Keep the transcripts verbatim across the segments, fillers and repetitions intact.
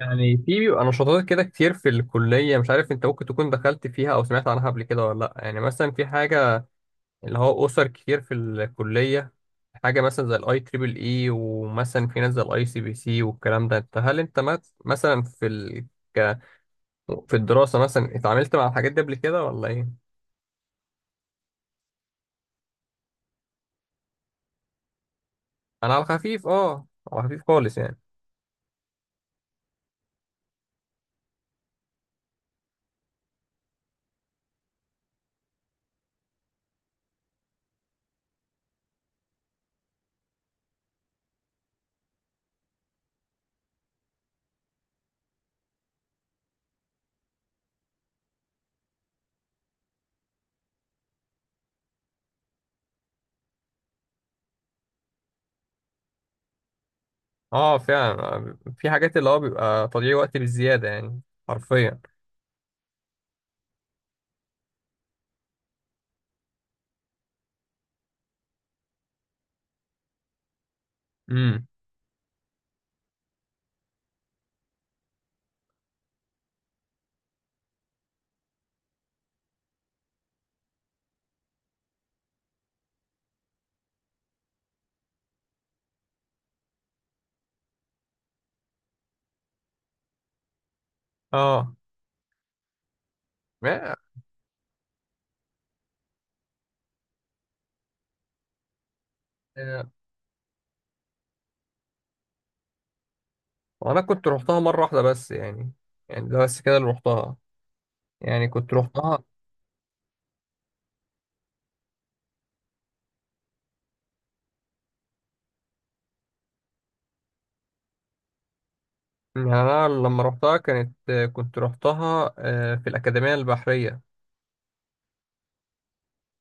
يعني في بيبقى نشاطات كده كتير في الكلية، مش عارف انت ممكن تكون دخلت فيها او سمعت عنها قبل كده ولا لا. يعني مثلا في حاجة اللي هو اسر كتير في الكلية، حاجة مثلا زي الاي تريبل اي، ومثلا في ناس زي الاي سي بي سي والكلام ده. انت هل انت مت- مثلا في ال... ك... في الدراسة مثلا اتعاملت مع الحاجات دي قبل كده ولا ايه؟ انا على خفيف، اه، على خفيف خالص يعني. اه فعلا، آه، في حاجات اللي هو بيبقى تضييع وقت بالزيادة يعني. حرفيا. امم. اه. وانا كنت روحتها مره واحده بس يعني يعني ده بس كده اللي روحتها. يعني كنت روحتها. يعني انا لما روحتها كانت كنت روحتها آه، في الاكاديميه البحريه.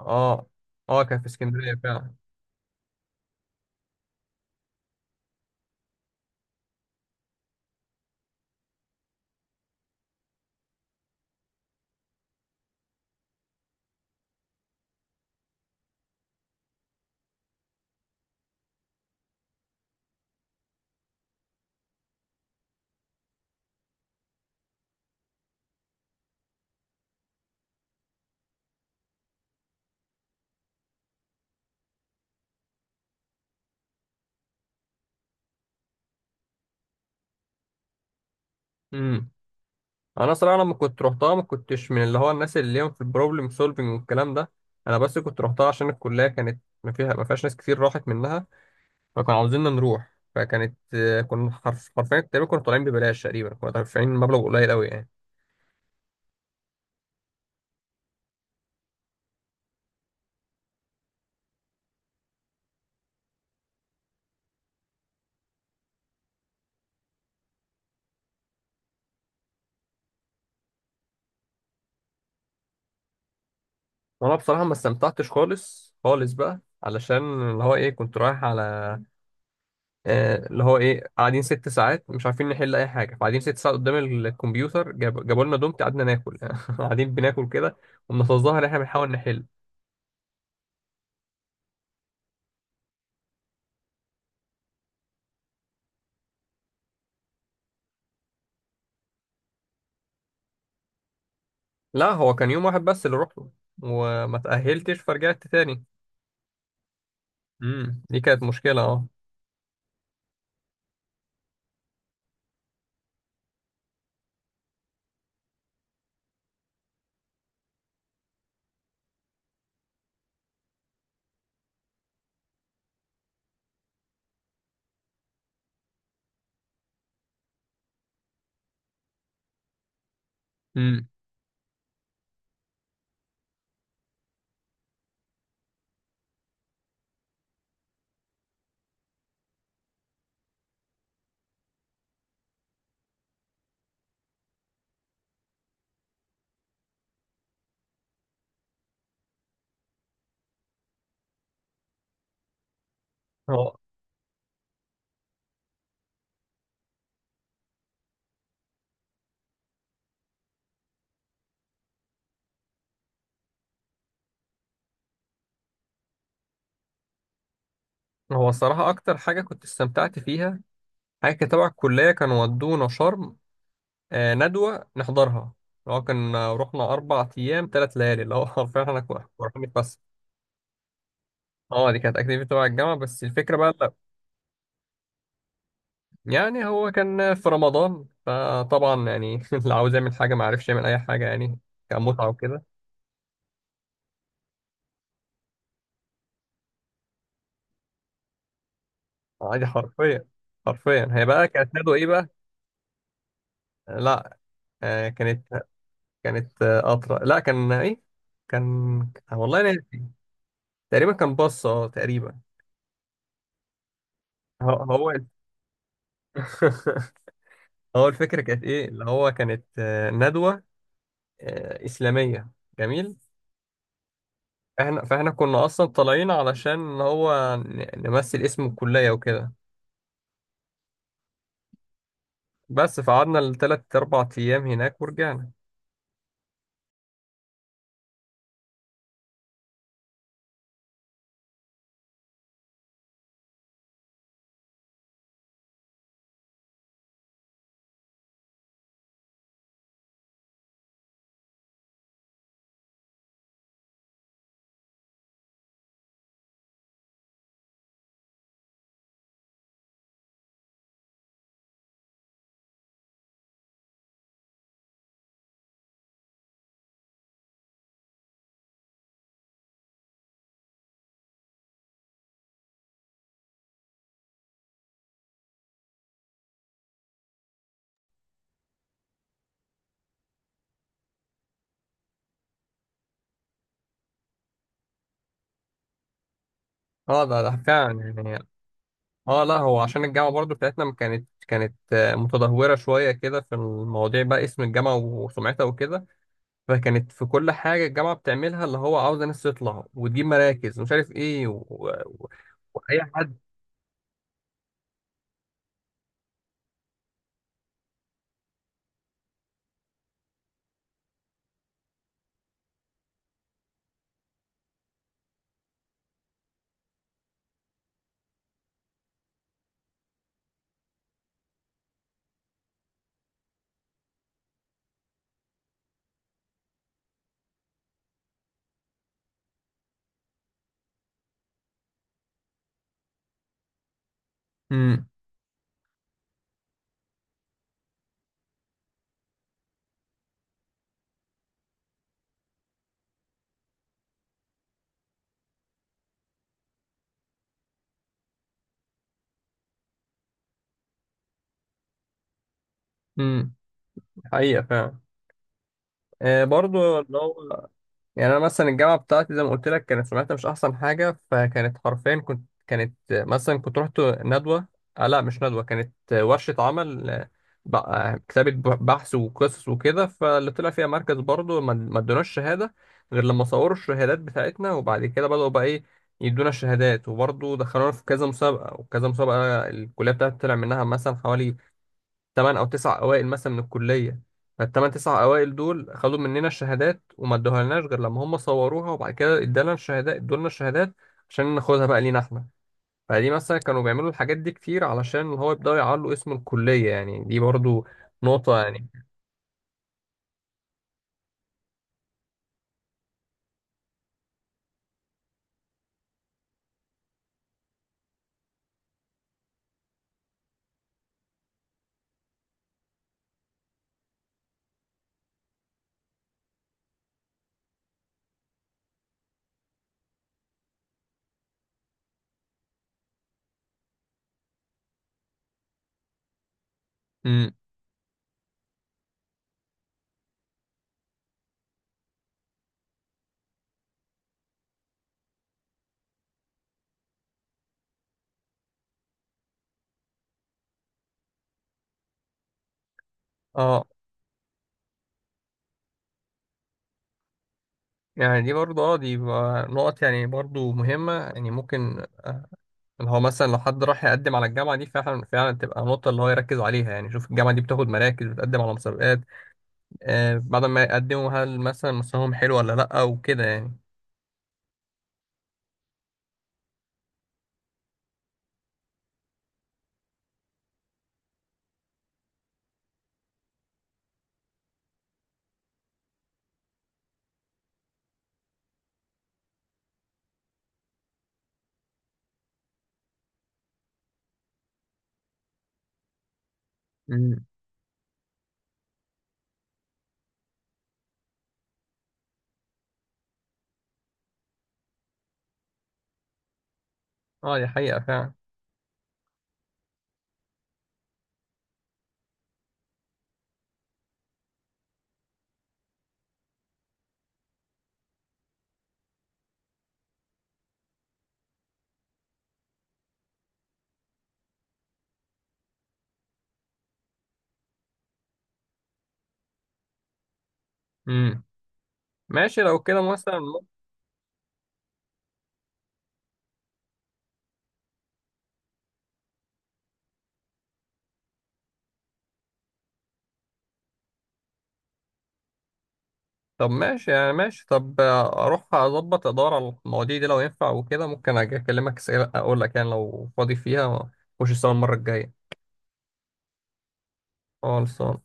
اه. اه، كان في اسكندريه فعلا. امم. انا صراحه لما كنت روحتها ما كنتش من اللي هو الناس اللي ليهم في البروبلم سولفنج والكلام ده. انا بس كنت روحتها عشان الكليه كانت ما فيها ما فيهاش ناس كتير راحت منها، فكانوا عاوزيننا نروح. فكانت، آه، كنا حرف- حرفيا تقريبا كنا طالعين ببلاش، تقريبا كنا دافعين مبلغ قليل قوي يعني. وانا بصراحه ما استمتعتش خالص خالص بقى، علشان اللي هو ايه كنت رايح على، آه، اللي هو ايه قاعدين ست ساعات مش عارفين نحل اي حاجه. فقاعدين ست ساعات قدام الكمبيوتر، جاب جابوا لنا دومت، قعدنا ناكل قاعدين بناكل كده وبنتظاهر ان احنا بنحاول نحل. لا، هو كان يوم واحد بس اللي روحته، وما تاهلتش فرجعت تاني. امم، دي كانت مشكله اه. امم. هو هو الصراحه اكتر حاجه كنت استمتعت فيها، حاجه تبع الكليه، كانوا ودونا شرم. آه، ندوة نحضرها اللي هو كان، رحنا أربع أيام تلات ليالي، اللي هو حرفيا احنا كنا رايحين نتفسح. اه، دي كانت اكتيفيتي تبع الجامعة، بس الفكرة بقى لا. يعني هو كان في رمضان، فطبعا يعني اللي عاوز يعمل حاجة ما عرفش يعمل أي حاجة يعني، كان متعة وكده. عادي حرفيا. حرفيا هي بقى كانت ندوة ايه بقى؟ لا. آه كانت كانت آه، قطرة، لا. كان ايه؟ كان، والله ناسي. تقريبا كان باص، اه، تقريبا. هو هو هو الفكرة كانت ايه، اللي هو كانت آه، ندوة آه، إسلامية. جميل. احنا فاحنا كنا أصلا طالعين علشان إن هو ن- نمثل اسم الكلية وكده، بس فقعدنا التلات أربع أيام هناك ورجعنا. اه، ده ده فعلا يعني. اه لا، هو عشان الجامعة برضو بتاعتنا ما كانت كانت آه، متدهورة شوية كده في المواضيع بقى، اسم الجامعة وسمعتها وكده. فكانت في كل حاجة الجامعة بتعملها اللي هو عاوزة ناس تطلع وتجيب مراكز ومش عارف ايه، و... و... وأي حد. امم. امم حقيقة فعلا، آه برضو اللي هو. يعني انا مثلا الجامعه بتاعتي زي ما قلت لك كانت سمعتها مش احسن حاجه، فكانت حرفيا كنت كانت مثلا كنت رحت ندوه. آه لا مش ندوه، كانت ورشه عمل، آه، ب- آه، كتابه ب- بحث وقصص وكده. فاللي طلع فيها مركز برضه ما ما ادوناش شهاده، غير لما صوروا الشهادات بتاعتنا، وبعد كده بداوا بقى ايه، يدونا الشهادات. وبرضه دخلونا في كذا مسابقه وكذا مسابقه. الكليه بتاعتي طلع منها مثلا حوالي تمن او تسع اوائل مثلا من الكليه. فالتمن تسع اوائل دول خدوا مننا الشهادات وما ادوها لناش غير لما هم صوروها، وبعد كده ادالنا الشهادات ادولنا الشهادات عشان ناخدها بقى لينا احنا. فدي مثلا كانوا بيعملوا الحاجات دي كتير علشان اللي هو يبداوا يعلوا اسم الكليه يعني، دي برضو نقطه يعني. امم. اه. يعني دي برضو، اه، دي بقى نقط يعني برضو مهمه يعني ممكن اللي هو مثلا لو حد راح يقدم على الجامعه دي، فعلا فعلا تبقى نقطه اللي هو يركز عليها يعني. شوف الجامعه دي بتاخد مراكز، بتقدم على مسابقات. آه، بعد ما يقدموا هل مثلا مستواهم حلو ولا لأ وكده يعني. امم. اه، دي حقيقة فعلا. امم. ماشي لو كده مثلا. طب ماشي، يعني ماشي طب، آه، اروح اظبط ادور على المواضيع دي لو ينفع وكده، ممكن اجي اكلمك اسأل- اقول لك يعني لو فاضي فيها وش السنة المرة الجاية. خالص.